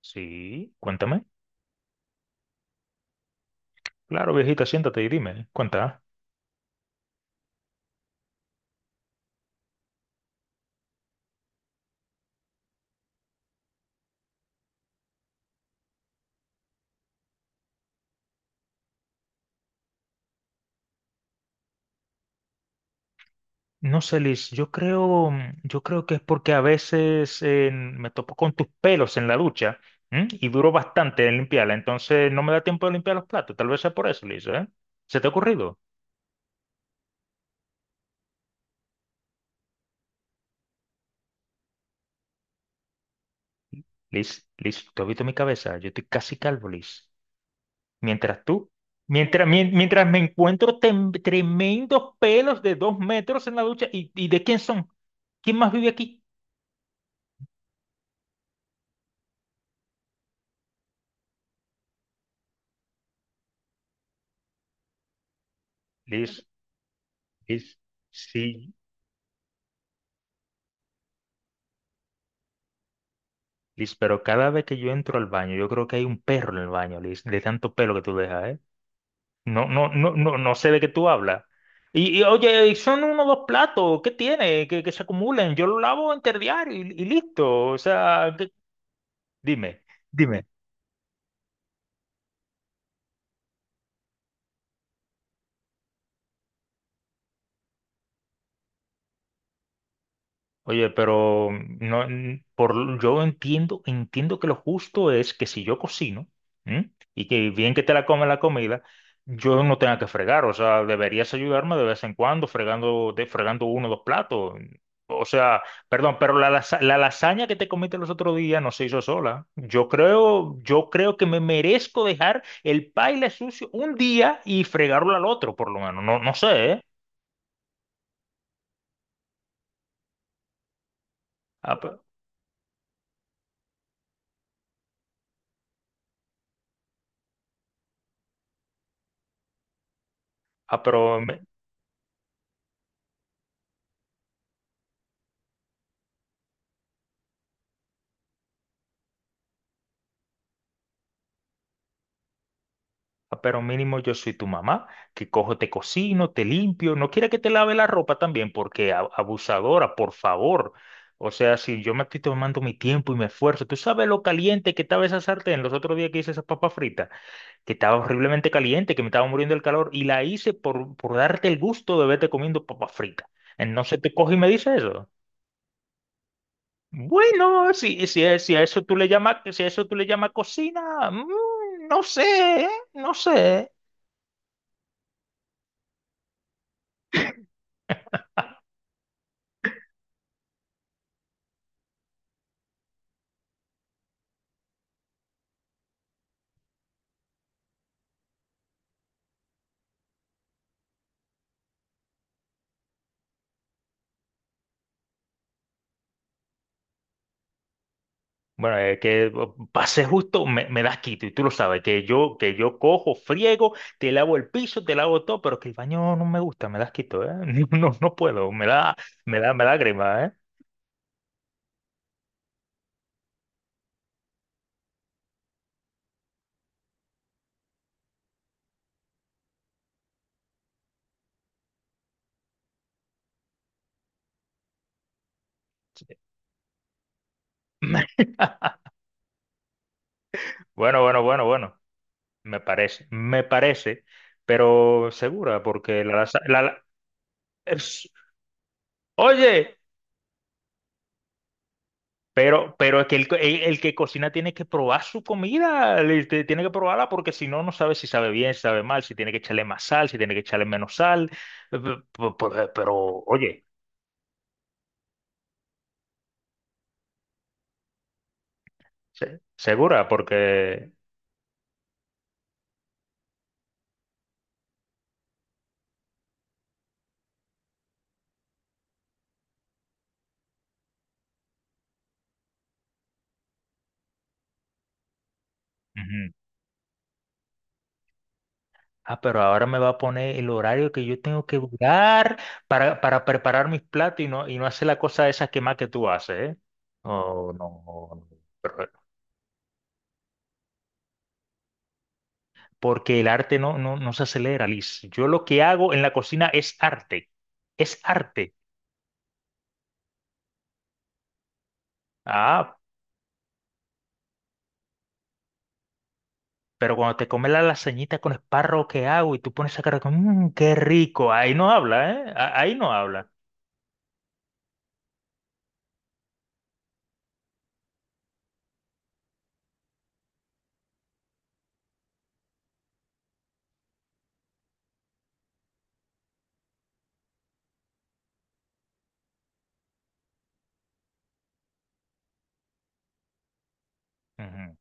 Sí, cuéntame. Claro, viejita, siéntate y dime, cuenta. No sé, Liz, yo creo que es porque a veces me topo con tus pelos en la ducha, ¿m? Y duro bastante en limpiarla, entonces no me da tiempo de limpiar los platos. Tal vez sea por eso, Liz, ¿eh? ¿Se te ha ocurrido? Liz, tú has visto mi cabeza, yo estoy casi calvo, Liz. Mientras tú, mientras, mien- mientras me encuentro tremendos pelos de 2 metros en la ducha, ¿y de quién son? ¿Quién más vive aquí? Liz, Liz. Sí, Liz, pero cada vez que yo entro al baño, yo creo que hay un perro en el baño, Liz, de tanto pelo que tú dejas, ¿eh? No, no, no, no, no sé de qué tú hablas. Oye, y son uno o dos platos, ¿qué tiene? Que se acumulen, yo lo lavo interdiario y listo. O sea, ¿qué? Dime, dime. Oye, pero no, yo entiendo que lo justo es que si yo cocino, ¿m? Y que bien que te la come la comida, yo no tenga que fregar. O sea, deberías ayudarme de vez en cuando fregando, fregando uno o dos platos. O sea, perdón, pero la lasaña que te comiste los otros días no se hizo sola. Yo creo que me merezco dejar el paila sucio un día y fregarlo al otro, por lo menos. No, no sé, ¿eh? Ah, pe- ah, pero, me- Ah, pero mínimo yo soy tu mamá, que cojo, te cocino, te limpio. No quiere que te lave la ropa también, porque abusadora, por favor. O sea, si yo me estoy tomando mi tiempo y mi esfuerzo, tú sabes lo caliente que estaba esa sartén los otros días que hice esas papas fritas, que estaba horriblemente caliente, que me estaba muriendo el calor, y la hice por darte el gusto de verte comiendo papas fritas. Entonces te coge y me dice eso. Bueno, si a eso tú le llamas, si a eso tú le llamas cocina, no sé, ¿eh? No sé. Bueno, que pase justo, me das quito y tú lo sabes, que yo cojo, friego, te lavo el piso, te lavo todo, pero que el baño no me gusta, me das quito, ¿eh? No, no no puedo, me da grima, ¿eh? Bueno, bueno, bueno, bueno, me parece, pero segura, porque la, laza- la- es- oye, pero es que el que cocina tiene que probar su comida, tiene que probarla porque si no, no sabe si sabe bien, si sabe mal, si tiene que echarle más sal, si tiene que echarle menos sal. Pero, oye, segura, porque... Ujú. Ah, pero ahora me va a poner el horario que yo tengo que durar para preparar mis platos y no hacer la cosa esa que más que tú haces, ¿eh? Oh, no, no, no. No, pero, porque el arte no se acelera, Liz. Yo lo que hago en la cocina es arte, es arte. Ah, pero cuando te comes la lasañita con espárrago que hago y tú pones esa cara como, "Mm, qué rico", ahí no habla, ¿eh? A- Ahí no habla. Ujú.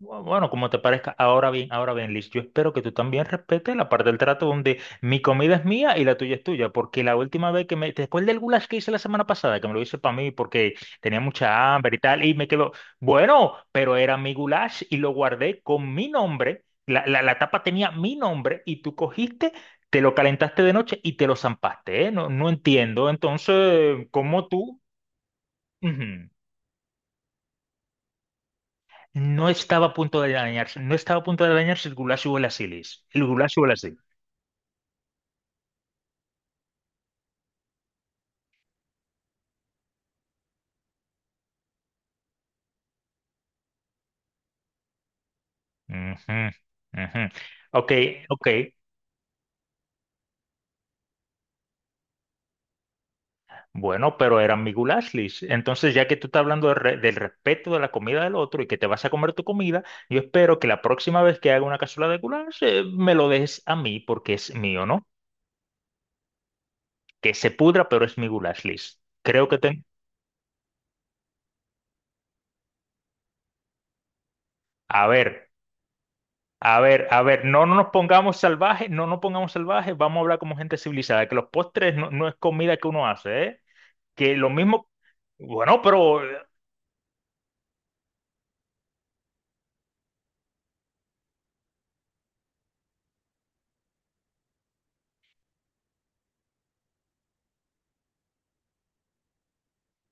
Bueno, como te parezca, ahora bien, Liz, yo espero que tú también respetes la parte del trato donde mi comida es mía y la tuya es tuya, porque la última vez que me, después del goulash que hice la semana pasada, que me lo hice para mí porque tenía mucha hambre y tal, y me quedó, bueno, pero era mi goulash y lo guardé con mi nombre, la tapa tenía mi nombre y tú cogiste, te lo calentaste de noche y te lo zampaste, ¿eh? No, no entiendo, entonces, ¿cómo tú? Ujú. No estaba a punto de dañarse, no estaba a punto de dañarse el Gulasio o el Asilis. El Gulasio o el Asilis. Ujú, ujú. Ok, ok. Bueno, pero eran mi Gulaslis. Entonces, ya que tú estás hablando de del respeto de la comida del otro y que te vas a comer tu comida, yo espero que la próxima vez que haga una cazuela de goulash, me lo dejes a mí porque es mío, ¿no? Que se pudra, pero es mi Gulaslis. Creo que te... A ver. A ver, a ver, no, no nos pongamos salvajes, no nos pongamos salvajes, vamos a hablar como gente civilizada, que los postres no, no es comida que uno hace, ¿eh? Que lo mismo, bueno, pero...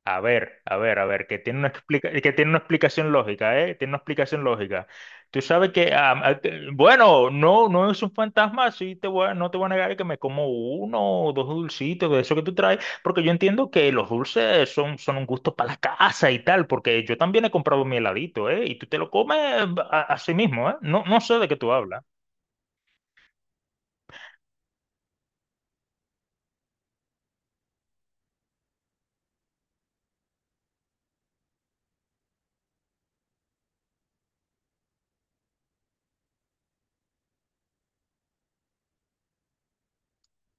A ver, a ver, a ver, que tiene una que tiene una explicación lógica, ¿eh? Tiene una explicación lógica. Tú sabes que, bueno, no, no es un fantasma, no te voy a negar que me como uno o dos dulcitos de eso que tú traes, porque yo entiendo que los dulces son un gusto para la casa y tal, porque yo también he comprado mi heladito, ¿eh? Y tú te lo comes a sí mismo, ¿eh? No, no sé de qué tú hablas.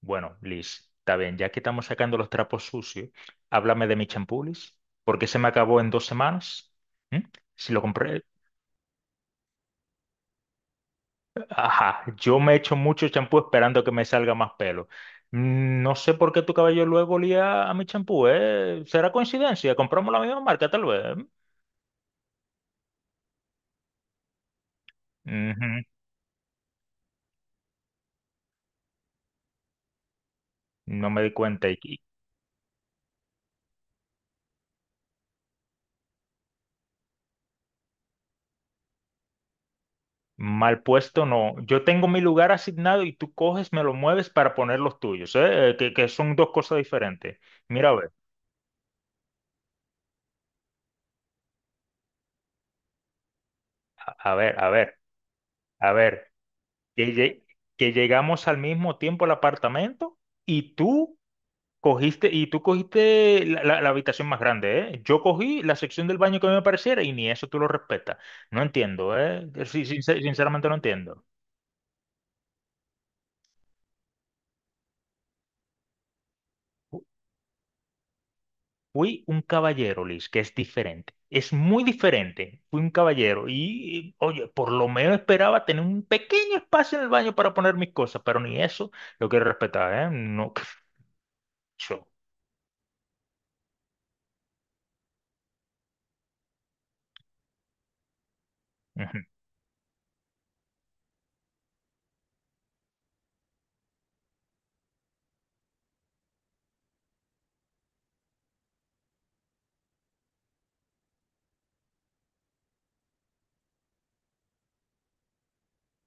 Bueno, Liz, está bien, ya que estamos sacando los trapos sucios, háblame de mi champú, Liz, porque se me acabó en 2 semanas. ¿Mm? Si lo compré, ajá, yo me echo mucho champú esperando que me salga más pelo. No sé por qué tu cabello luego olía a mi champú, ¿eh? ¿Será coincidencia? ¿Compramos la misma marca, tal vez? Ujú. No me di cuenta. Mal puesto, no. Yo tengo mi lugar asignado y tú coges, me lo mueves para poner los tuyos, ¿eh? Que son dos cosas diferentes. Mira, a ver, a ver, a ver. A ver, que, que llegamos al mismo tiempo al apartamento y tú cogiste, la habitación más grande, ¿eh? Yo cogí la sección del baño que a mí me pareciera y ni eso tú lo respetas. No entiendo, ¿eh? Sí, sinceramente no entiendo. Fu- Fui un caballero, Liz, que es diferente. Es muy diferente. Fui un caballero y, oye, por lo menos esperaba tener un pequeño espacio en el baño para poner mis cosas, pero ni eso lo quiero respetar, ¿eh? No, yo. Ujú,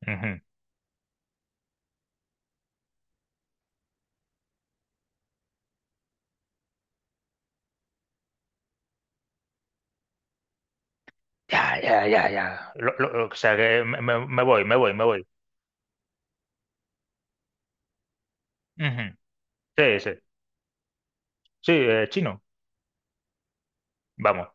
ujú. Ya, ya, ya, ya. O sea que me voy, me voy, me voy. Ujú. Sí, sí. Sí, chino. Vamos.